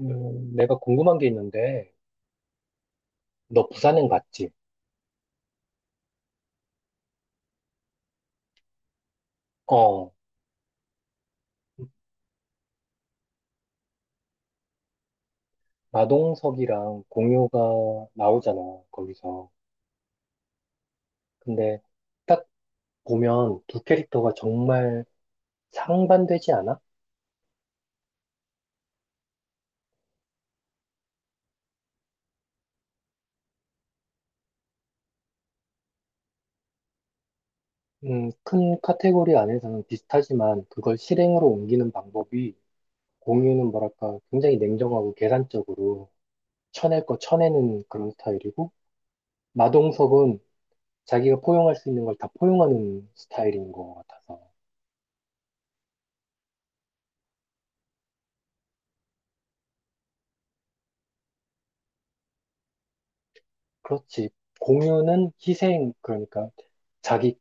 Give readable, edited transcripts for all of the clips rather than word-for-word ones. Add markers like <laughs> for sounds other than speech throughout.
내가 궁금한 게 있는데, 너 부산행 봤지? 어, 마동석이랑 공효가 나오잖아, 거기서. 근데 딱 보면 두 캐릭터가 정말 상반되지 않아? 큰 카테고리 안에서는 비슷하지만 그걸 실행으로 옮기는 방법이 공유는 뭐랄까 굉장히 냉정하고 계산적으로 쳐낼 거 쳐내는 그런 스타일이고, 마동석은 자기가 포용할 수 있는 걸 다 포용하는 스타일인 것 같아서. 그렇지. 공유는 희생, 그러니까 자기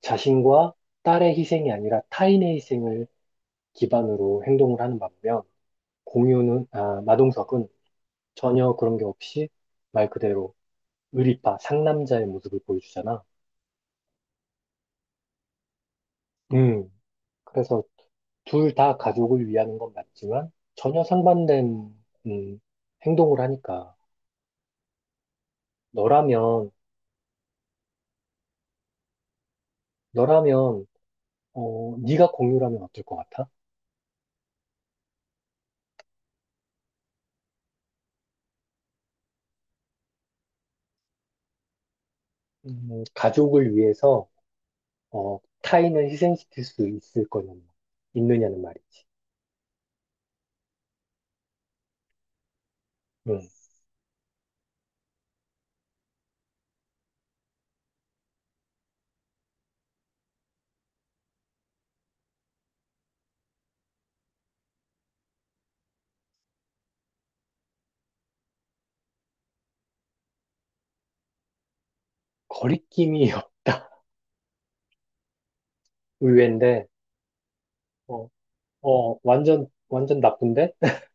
자신과 딸의 희생이 아니라 타인의 희생을 기반으로 행동을 하는 반면, 마동석은 전혀 그런 게 없이 말 그대로 의리파, 상남자의 모습을 보여주잖아. 음, 그래서 둘 다 가족을 위하는 건 맞지만, 전혀 상반된, 음, 행동을 하니까, 너라면, 너라면, 네가 공유라면 어떨 것 같아? 가족을 위해서 타인을 희생시킬 수 있을 거냐는 말, 있느냐는 말이지. 응. 거리낌이 <laughs> 의외인데, 어, 완전, 완전 나쁜데? <laughs>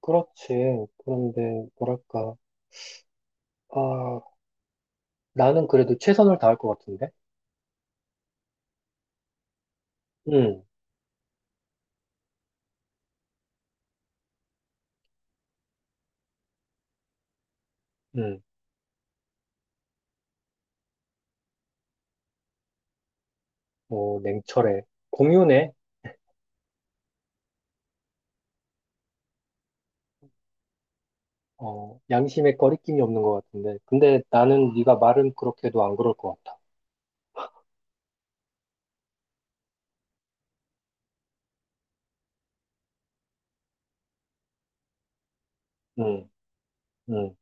그렇지. 그런데, 뭐랄까. 아, 나는 그래도 최선을 다할 것 같은데? 응, 응. 어, 냉철해. 공유네. 어, 양심에 거리낌이 없는 것 같은데. 근데 나는 네가 말은 그렇게 해도 안 그럴 것 같아. 응, 응,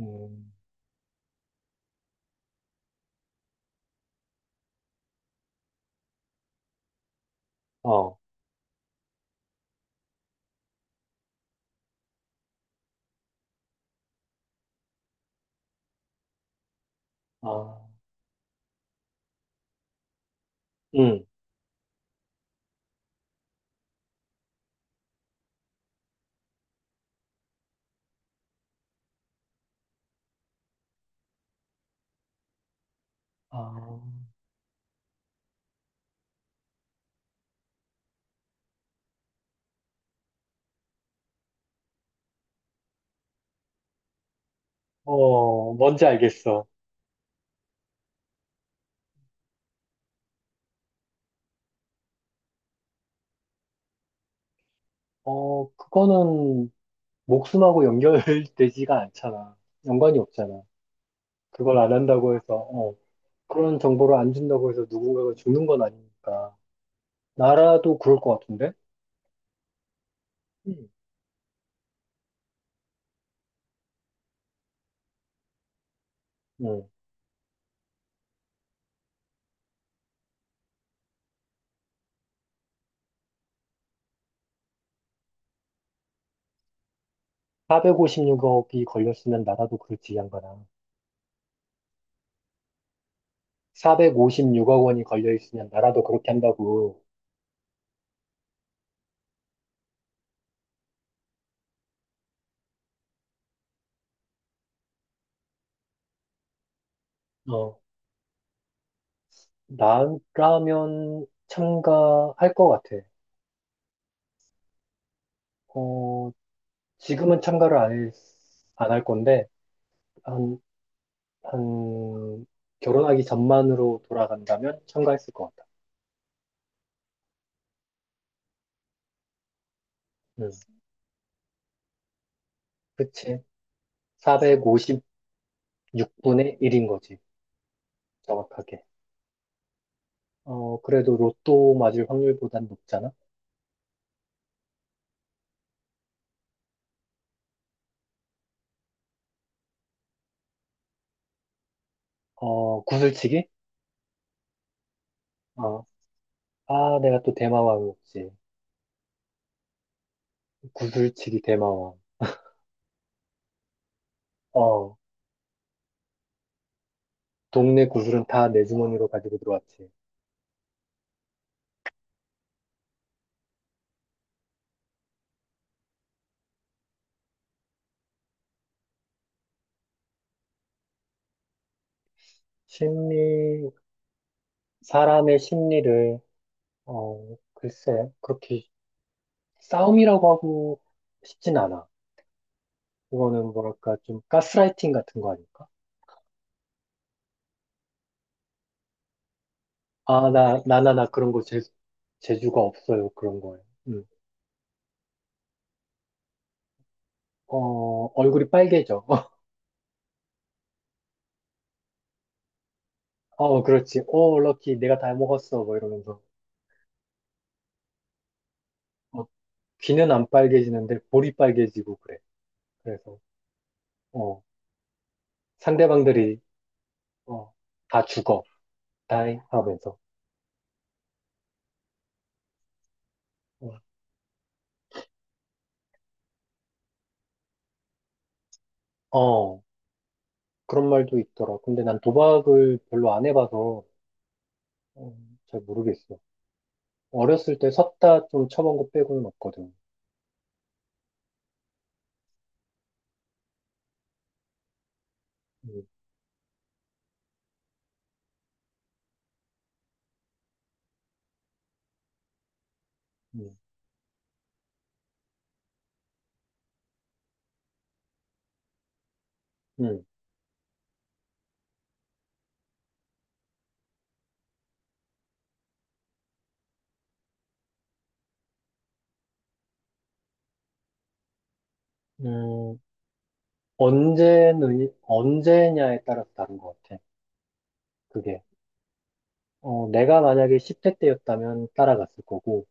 응. 어, 아, 응. 아, 어, 뭔지 알겠어. 어, 그거는 목숨하고 연결되지가 <laughs> 않잖아. 연관이 없잖아. 그걸 안 한다고 해서, 그런 정보를 안 준다고 해서 누군가가 죽는 건 아니니까. 나라도 그럴 것 같은데? 음. 응. 백 456억이 걸렸으면 나라도 그렇지, 이 양반아. 456억 원이 걸려있으면 나라도 그렇게 한다고. 어, 나라면 참가할 것 같아. 어, 지금은 참가를 안 할 건데, 한 한 결혼하기 전만으로 돌아간다면 참가했을 것 같아. 음, 그치. 456분의 1인 거지. 정확하게. 어, 그래도 로또 맞을 확률보단 높잖아. 어, 구슬치기? 어, 내가 또 대마왕이었지. 구슬치기 대마왕. 어, 동네 구슬은 다 내 주머니로 가지고 들어왔지. 심리, 사람의 심리를, 글쎄, 그렇게 싸움이라고 하고 싶진 않아. 그거는 뭐랄까, 좀 가스라이팅 같은 거 아닐까? 아, 나 그런 거 재주가 없어요. 그런 거예요. 음. 어, 얼굴이 빨개져. <laughs> 어, 그렇지. 어, 럭키, 내가 다 먹었어. 뭐 이러면서. 어, 귀는 안 빨개지는데 볼이 빨개지고 그래. 그래서, 어, 상대방들이, 어, 다 죽어. 다이 하면서. 어, 어, 그런 말도 있더라. 근데 난 도박을 별로 안 해봐서, 어, 잘 모르겠어. 어렸을 때 섰다 좀 쳐본 거 빼고는 없거든. 음, 음. 음, 음, 언제, 언제냐에 따라서 다른 것 같아. 그게. 어, 내가 만약에 10대 때였다면 따라갔을 거고,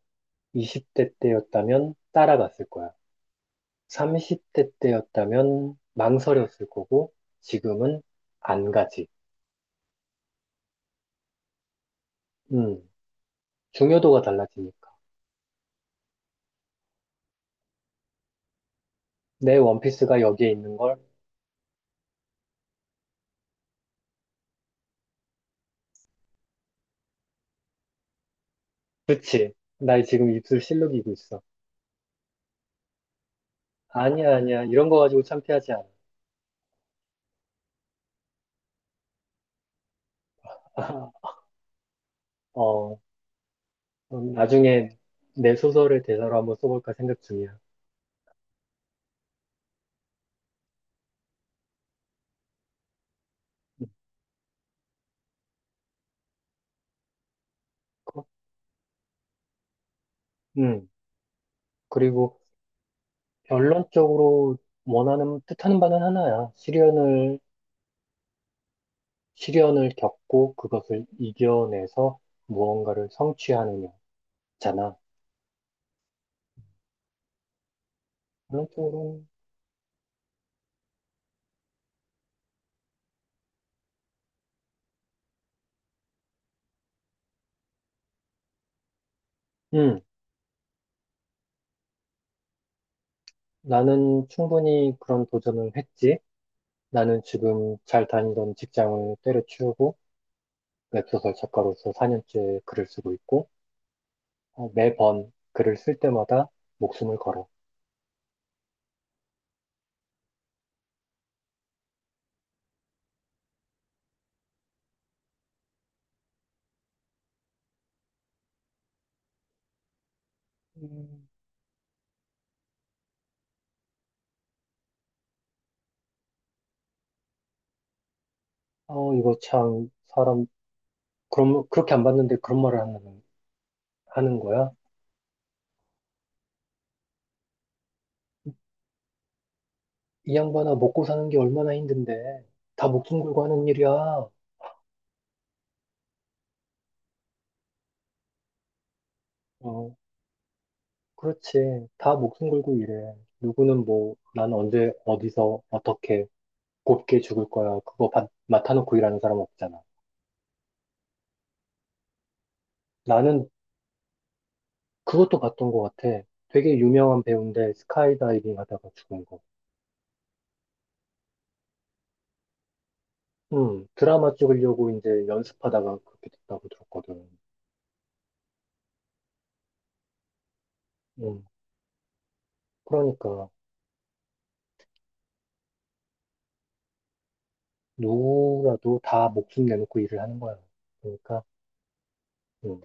20대 때였다면 따라갔을 거야. 30대 때였다면 망설였을 거고, 지금은 안 가지. 음, 중요도가 달라지니까. 내 원피스가 여기에 있는 걸, 그치. 나 지금 입술 실룩이고 있어. 아니야, 아니야. 이런 거 가지고 창피하지 않아. <laughs> 어, 나중에 내 소설을 대사로 한번 써볼까 생각 중이야. 그- 음, 그리고 결론적으로 뜻하는 바는 하나야. 시련을 겪고 그것을 이겨내서 무언가를 성취하느냐잖아. 결론적으로는, 음, 나는 충분히 그런 도전을 했지. 나는 지금 잘 다니던 직장을 때려치우고 웹소설 작가로서 4년째 글을 쓰고 있고, 어, 매번 글을 쓸 때마다 목숨을 걸어. 음. 어, 이거 참, 사람, 그럼, 그렇게 안 봤는데 그런 말을 하는 거야? 이 양반아, 먹고 사는 게 얼마나 힘든데. 다 목숨 걸고 하는 일이야. 어, 그렇지. 다 목숨 걸고 일해. 누구는 뭐, 난 언제, 어디서, 어떻게, 곱게 죽을 거야. 맡아놓고 일하는 사람 없잖아. 나는 그것도 봤던 것 같아. 되게 유명한 배우인데, 스카이다이빙 하다가 죽은 거. 드라마 찍으려고 이제 연습하다가 그렇게 됐다고 들었거든. 음, 그러니까. 누구라도 다 목숨 내놓고 일을 하는 거야. 그러니까, 음,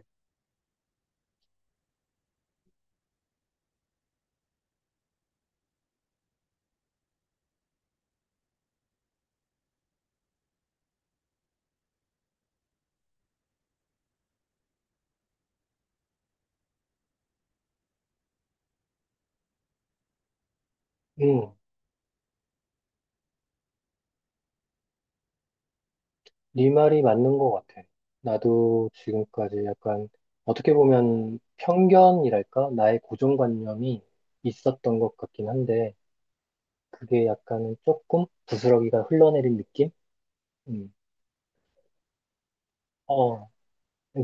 음, 네 말이 맞는 것 같아. 나도 지금까지 약간 어떻게 보면 편견이랄까? 나의 고정관념이 있었던 것 같긴 한데, 그게 약간은 조금 부스러기가 흘러내린 느낌? 음, 어,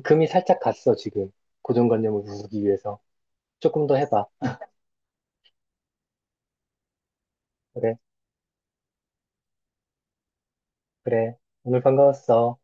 금이 살짝 갔어, 지금. 고정관념을 부수기 위해서. 조금 더 해봐. 그래, 그래. 오늘 반가웠어.